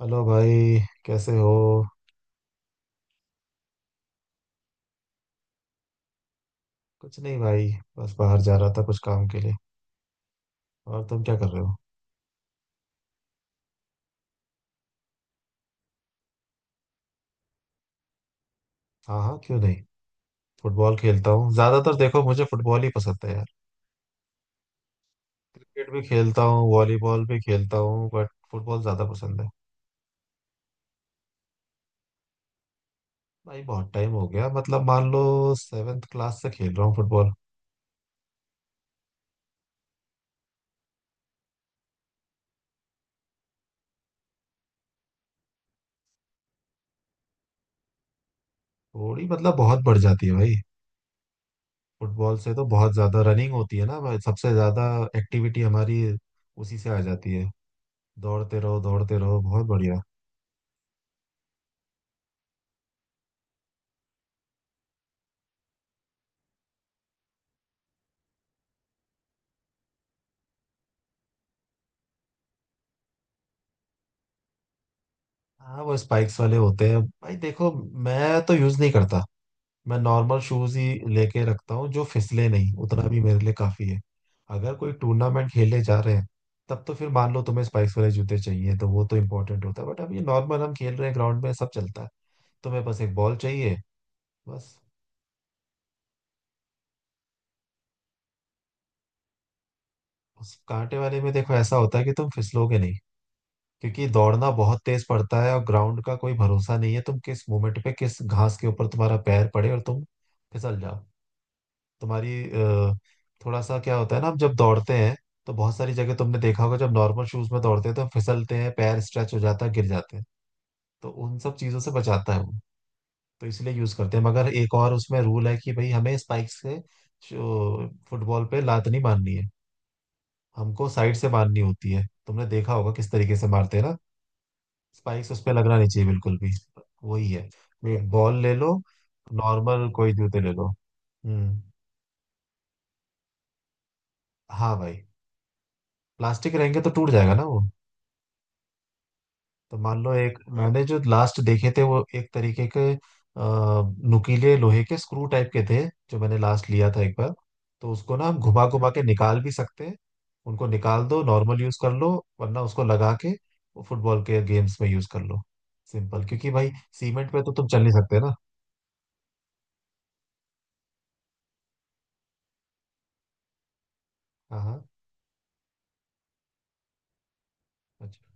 Hello भाई। कैसे हो? कुछ नहीं भाई, बस बाहर जा रहा था कुछ काम के लिए। और तुम क्या कर रहे हो? हाँ हाँ क्यों नहीं। फुटबॉल खेलता हूँ ज्यादातर। देखो मुझे फुटबॉल ही पसंद है यार। क्रिकेट भी खेलता हूँ, वॉलीबॉल भी खेलता हूँ बट फुटबॉल ज्यादा पसंद है। भाई बहुत टाइम हो गया, मतलब मान लो सेवेंथ क्लास से खेल रहा हूँ फुटबॉल। थोड़ी मतलब बहुत बढ़ जाती है भाई। फुटबॉल से तो बहुत ज्यादा रनिंग होती है ना भाई, सबसे ज्यादा एक्टिविटी हमारी उसी से आ जाती है। दौड़ते रहो दौड़ते रहो, बहुत बढ़िया। हाँ वो स्पाइक्स वाले होते हैं भाई। देखो मैं तो यूज नहीं करता, मैं नॉर्मल शूज ही लेके रखता हूँ। जो फिसले नहीं उतना भी मेरे लिए काफी है। अगर कोई टूर्नामेंट खेलने जा रहे हैं तब तो फिर मान लो तुम्हें स्पाइक्स वाले जूते चाहिए, तो वो तो इंपॉर्टेंट होता है। बट अब ये नॉर्मल हम खेल रहे हैं ग्राउंड में, सब चलता है। तुम्हें बस एक बॉल चाहिए बस। उस कांटे वाले में देखो ऐसा होता है कि तुम फिसलोगे नहीं, क्योंकि दौड़ना बहुत तेज पड़ता है और ग्राउंड का कोई भरोसा नहीं है। तुम किस मोमेंट पे किस घास के ऊपर तुम्हारा पैर पड़े और तुम फिसल जाओ। तुम्हारी थोड़ा सा क्या होता है ना, हम जब दौड़ते हैं तो बहुत सारी जगह तुमने देखा होगा, जब नॉर्मल शूज में दौड़ते हैं तो फिसलते हैं, पैर स्ट्रेच हो जाता है, गिर जाते हैं। तो उन सब चीजों से बचाता है वो। तो इसलिए यूज करते हैं, मगर एक और उसमें रूल है कि भाई हमें स्पाइक्स से जो फुटबॉल पे लात नहीं मारनी है, हमको साइड से मारनी होती है। तुमने देखा होगा किस तरीके से मारते हैं ना। स्पाइक्स उस पर लगना नहीं चाहिए बिल्कुल भी, वही है। एक बॉल ले लो, नॉर्मल कोई जूते ले लो। हम्म। हाँ भाई, प्लास्टिक रहेंगे तो टूट जाएगा ना वो। तो मान लो, एक मैंने जो लास्ट देखे थे वो एक तरीके के नुकीले लोहे के स्क्रू टाइप के थे, जो मैंने लास्ट लिया था एक बार। तो उसको ना हम घुमा घुमा के निकाल भी सकते हैं। उनको निकाल दो नॉर्मल यूज कर लो, वरना उसको लगा के वो फुटबॉल के गेम्स में यूज कर लो। सिंपल, क्योंकि भाई सीमेंट पे तो तुम चल नहीं सकते ना। हाँ हाँ। अच्छा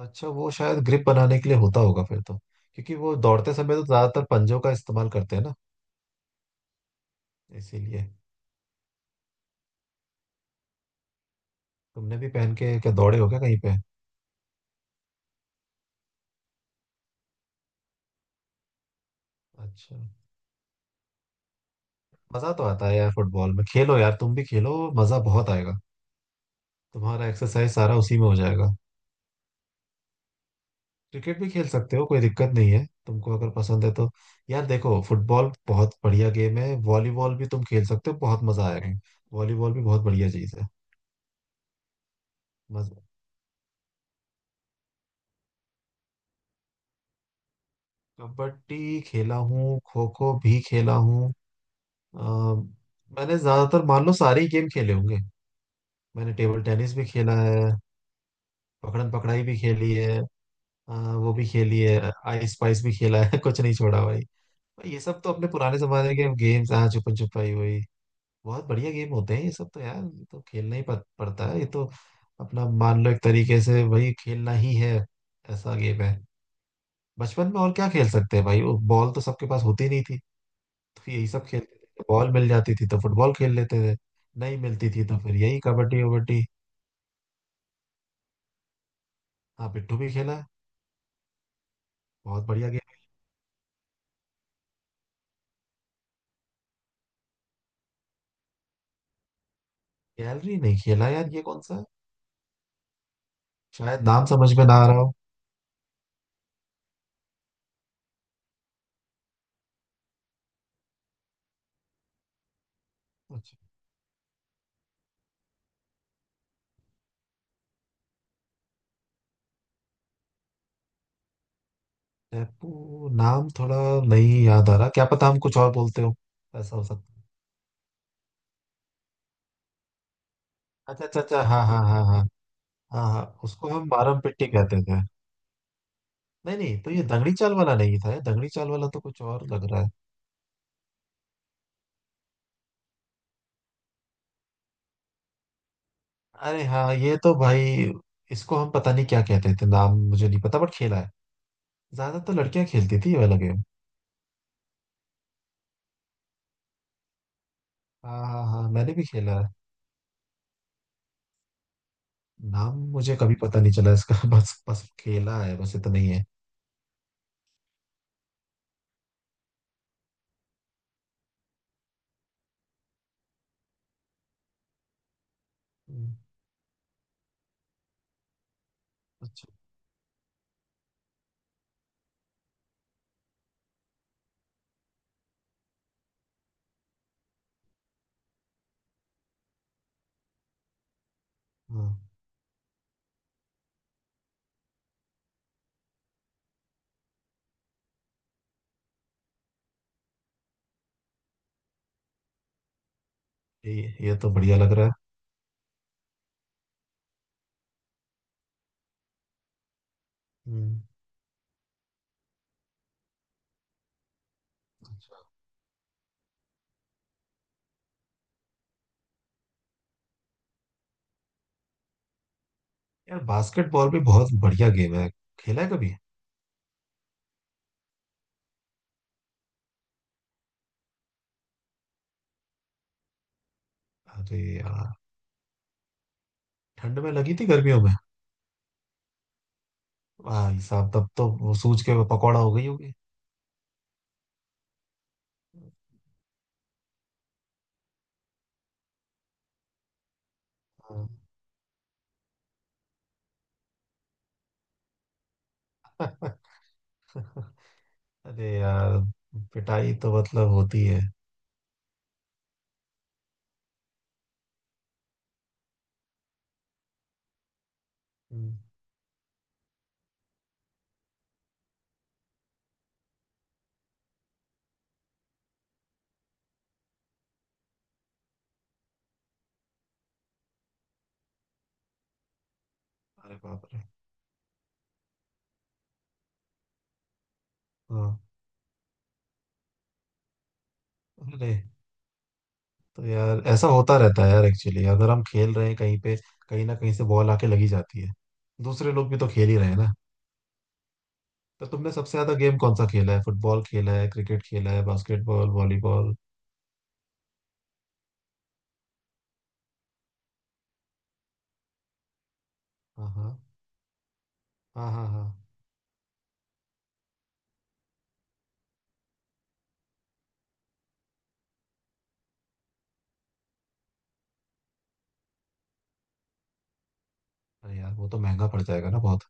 अच्छा। वो शायद ग्रिप बनाने के लिए होता होगा फिर तो, क्योंकि वो दौड़ते समय तो ज्यादातर पंजों का इस्तेमाल करते हैं ना, इसीलिए। तुमने भी पहन के क्या दौड़े हो क्या कहीं पे? अच्छा। मजा तो आता है यार फुटबॉल में, खेलो यार तुम भी खेलो, मजा बहुत आएगा, तुम्हारा एक्सरसाइज सारा उसी में हो जाएगा। क्रिकेट भी खेल सकते हो, कोई दिक्कत नहीं है तुमको अगर पसंद है तो। यार देखो फुटबॉल बहुत बढ़िया गेम है, वॉलीबॉल भी तुम खेल सकते हो, बहुत मजा आएगा। वॉलीबॉल भी बहुत बढ़िया चीज है। मजा। कबड्डी खेला हूँ, खो खो भी खेला हूँ। अ, मैंने ज्यादातर मान लो सारे ही गेम खेले होंगे। मैंने टेबल टेनिस भी खेला है। पकड़न पकड़ाई भी खेली है। वो भी खेली है, आइस स्पाइस भी खेला है कुछ नहीं छोड़ा भाई। भाई ये सब तो अपने पुराने जमाने के गेम्स, हाँ छुपन छुपाई हुई, बहुत बढ़िया गेम होते हैं ये सब तो यार। ये तो खेलना ही पड़ता है। ये तो अपना मान लो एक तरीके से वही खेलना ही है, ऐसा गेम है। बचपन में और क्या खेल सकते हैं भाई, वो बॉल तो सबके पास होती नहीं थी, तो यही सब खेलते थे। बॉल मिल जाती थी तो फुटबॉल खेल लेते थे, नहीं मिलती थी तो फिर यही कबड्डी वबड्डी। हाँ पिट्ठू भी खेला, बहुत बढ़िया गेम। गैलरी नहीं खेला यार, ये कौन सा, शायद नाम समझ में ना आ रहा हो। अच्छा। टैपू नाम थोड़ा नहीं याद आ रहा, क्या पता हम कुछ और बोलते हो, ऐसा हो सकता। अच्छा अच्छा अच्छा हाँ हाँ हाँ हाँ। हाँ हाँ, उसको हम मारम पिट्टी कहते थे। नहीं नहीं, तो ये दंगड़ी चाल वाला नहीं था, ये दंगड़ी चाल वाला तो कुछ और लग रहा है। अरे हाँ ये तो भाई, इसको हम पता नहीं क्या कहते थे, नाम मुझे नहीं पता बट खेला है। ज्यादा तो लड़कियां खेलती थी ये वाला गेम। हाँ हाँ हाँ मैंने भी खेला है। नाम मुझे कभी पता नहीं चला इसका बस बस खेला है, बस इतना ही है। हम्म। अच्छा। हाँ ये तो बढ़िया लग रहा है। हम्म। यार बास्केटबॉल भी बहुत बढ़िया गेम है, खेला है कभी? अरे यार, ठंड में लगी थी गर्मियों में? भाई साहब तब तो वो सूज के पकौड़ा हो गई होगी। हाँ। अरे यार, पिटाई तो मतलब होती है। हम्म। अरे बाप रे। हाँ। अरे। तो यार ऐसा होता रहता है यार एक्चुअली, अगर हम खेल रहे हैं कहीं पे कहीं ना कहीं से बॉल आके लगी जाती है, दूसरे लोग भी तो खेल ही रहे हैं ना। तो तुमने सबसे ज्यादा गेम कौन सा खेला है? फुटबॉल खेला है, क्रिकेट खेला है, बास्केटबॉल, वॉलीबॉल? हाँ हाँ हाँ हाँ हाँ। अरे यार वो तो महंगा पड़ जाएगा ना बहुत।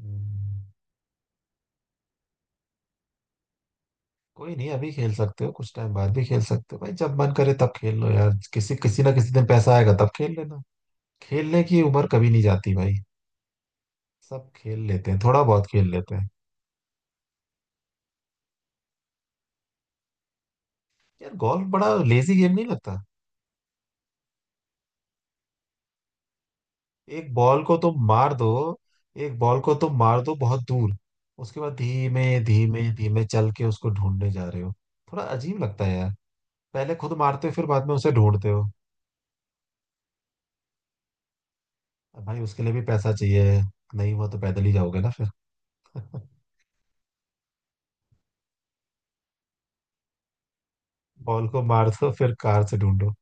हम्म। कोई नहीं, अभी खेल सकते हो, कुछ टाइम बाद भी खेल सकते हो भाई, जब मन करे तब खेल लो यार, किसी किसी ना किसी दिन पैसा आएगा तब खेल लेना। खेलने की उम्र कभी नहीं जाती भाई, सब खेल लेते हैं, थोड़ा बहुत खेल लेते हैं। यार गोल्फ बड़ा लेजी गेम नहीं लगता? एक बॉल को तुम मार दो। एक बॉल को तुम मार दो बहुत दूर, उसके बाद धीमे धीमे धीमे चल के उसको ढूंढने जा रहे हो। थोड़ा अजीब लगता है यार। पहले खुद मारते हो फिर बाद में उसे ढूंढते हो। अब भाई उसके लिए भी पैसा चाहिए, नहीं हुआ तो पैदल ही जाओगे ना फिर। बॉल को मार दो फिर कार से ढूंढो।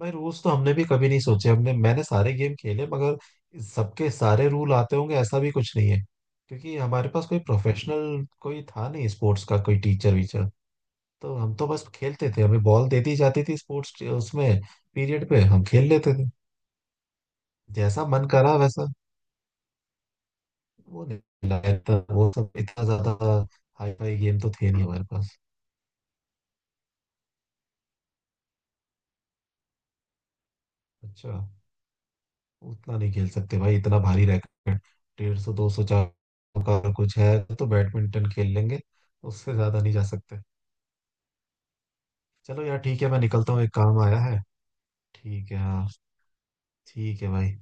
भाई रूल्स तो हमने भी कभी नहीं सोचे, हमने मैंने सारे गेम खेले मगर सबके सारे रूल आते होंगे ऐसा भी कुछ नहीं है, क्योंकि हमारे पास कोई प्रोफेशनल कोई था नहीं, स्पोर्ट्स का कोई टीचर वीचर। तो हम तो बस खेलते थे, हमें बॉल दे दी जाती थी, स्पोर्ट्स उसमें पीरियड पे हम खेल लेते थे, जैसा मन करा वैसा। वो नहीं लाया था वो सब, इतना ज्यादा हाई फाई गेम तो थे नहीं हमारे पास। अच्छा। उतना नहीं खेल सकते भाई इतना भारी रैकेट। 150 200 400 का कुछ है तो बैडमिंटन खेल लेंगे, उससे ज्यादा नहीं जा सकते। चलो यार ठीक है, मैं निकलता हूँ, एक काम आया है। ठीक है हाँ। ठीक है भाई।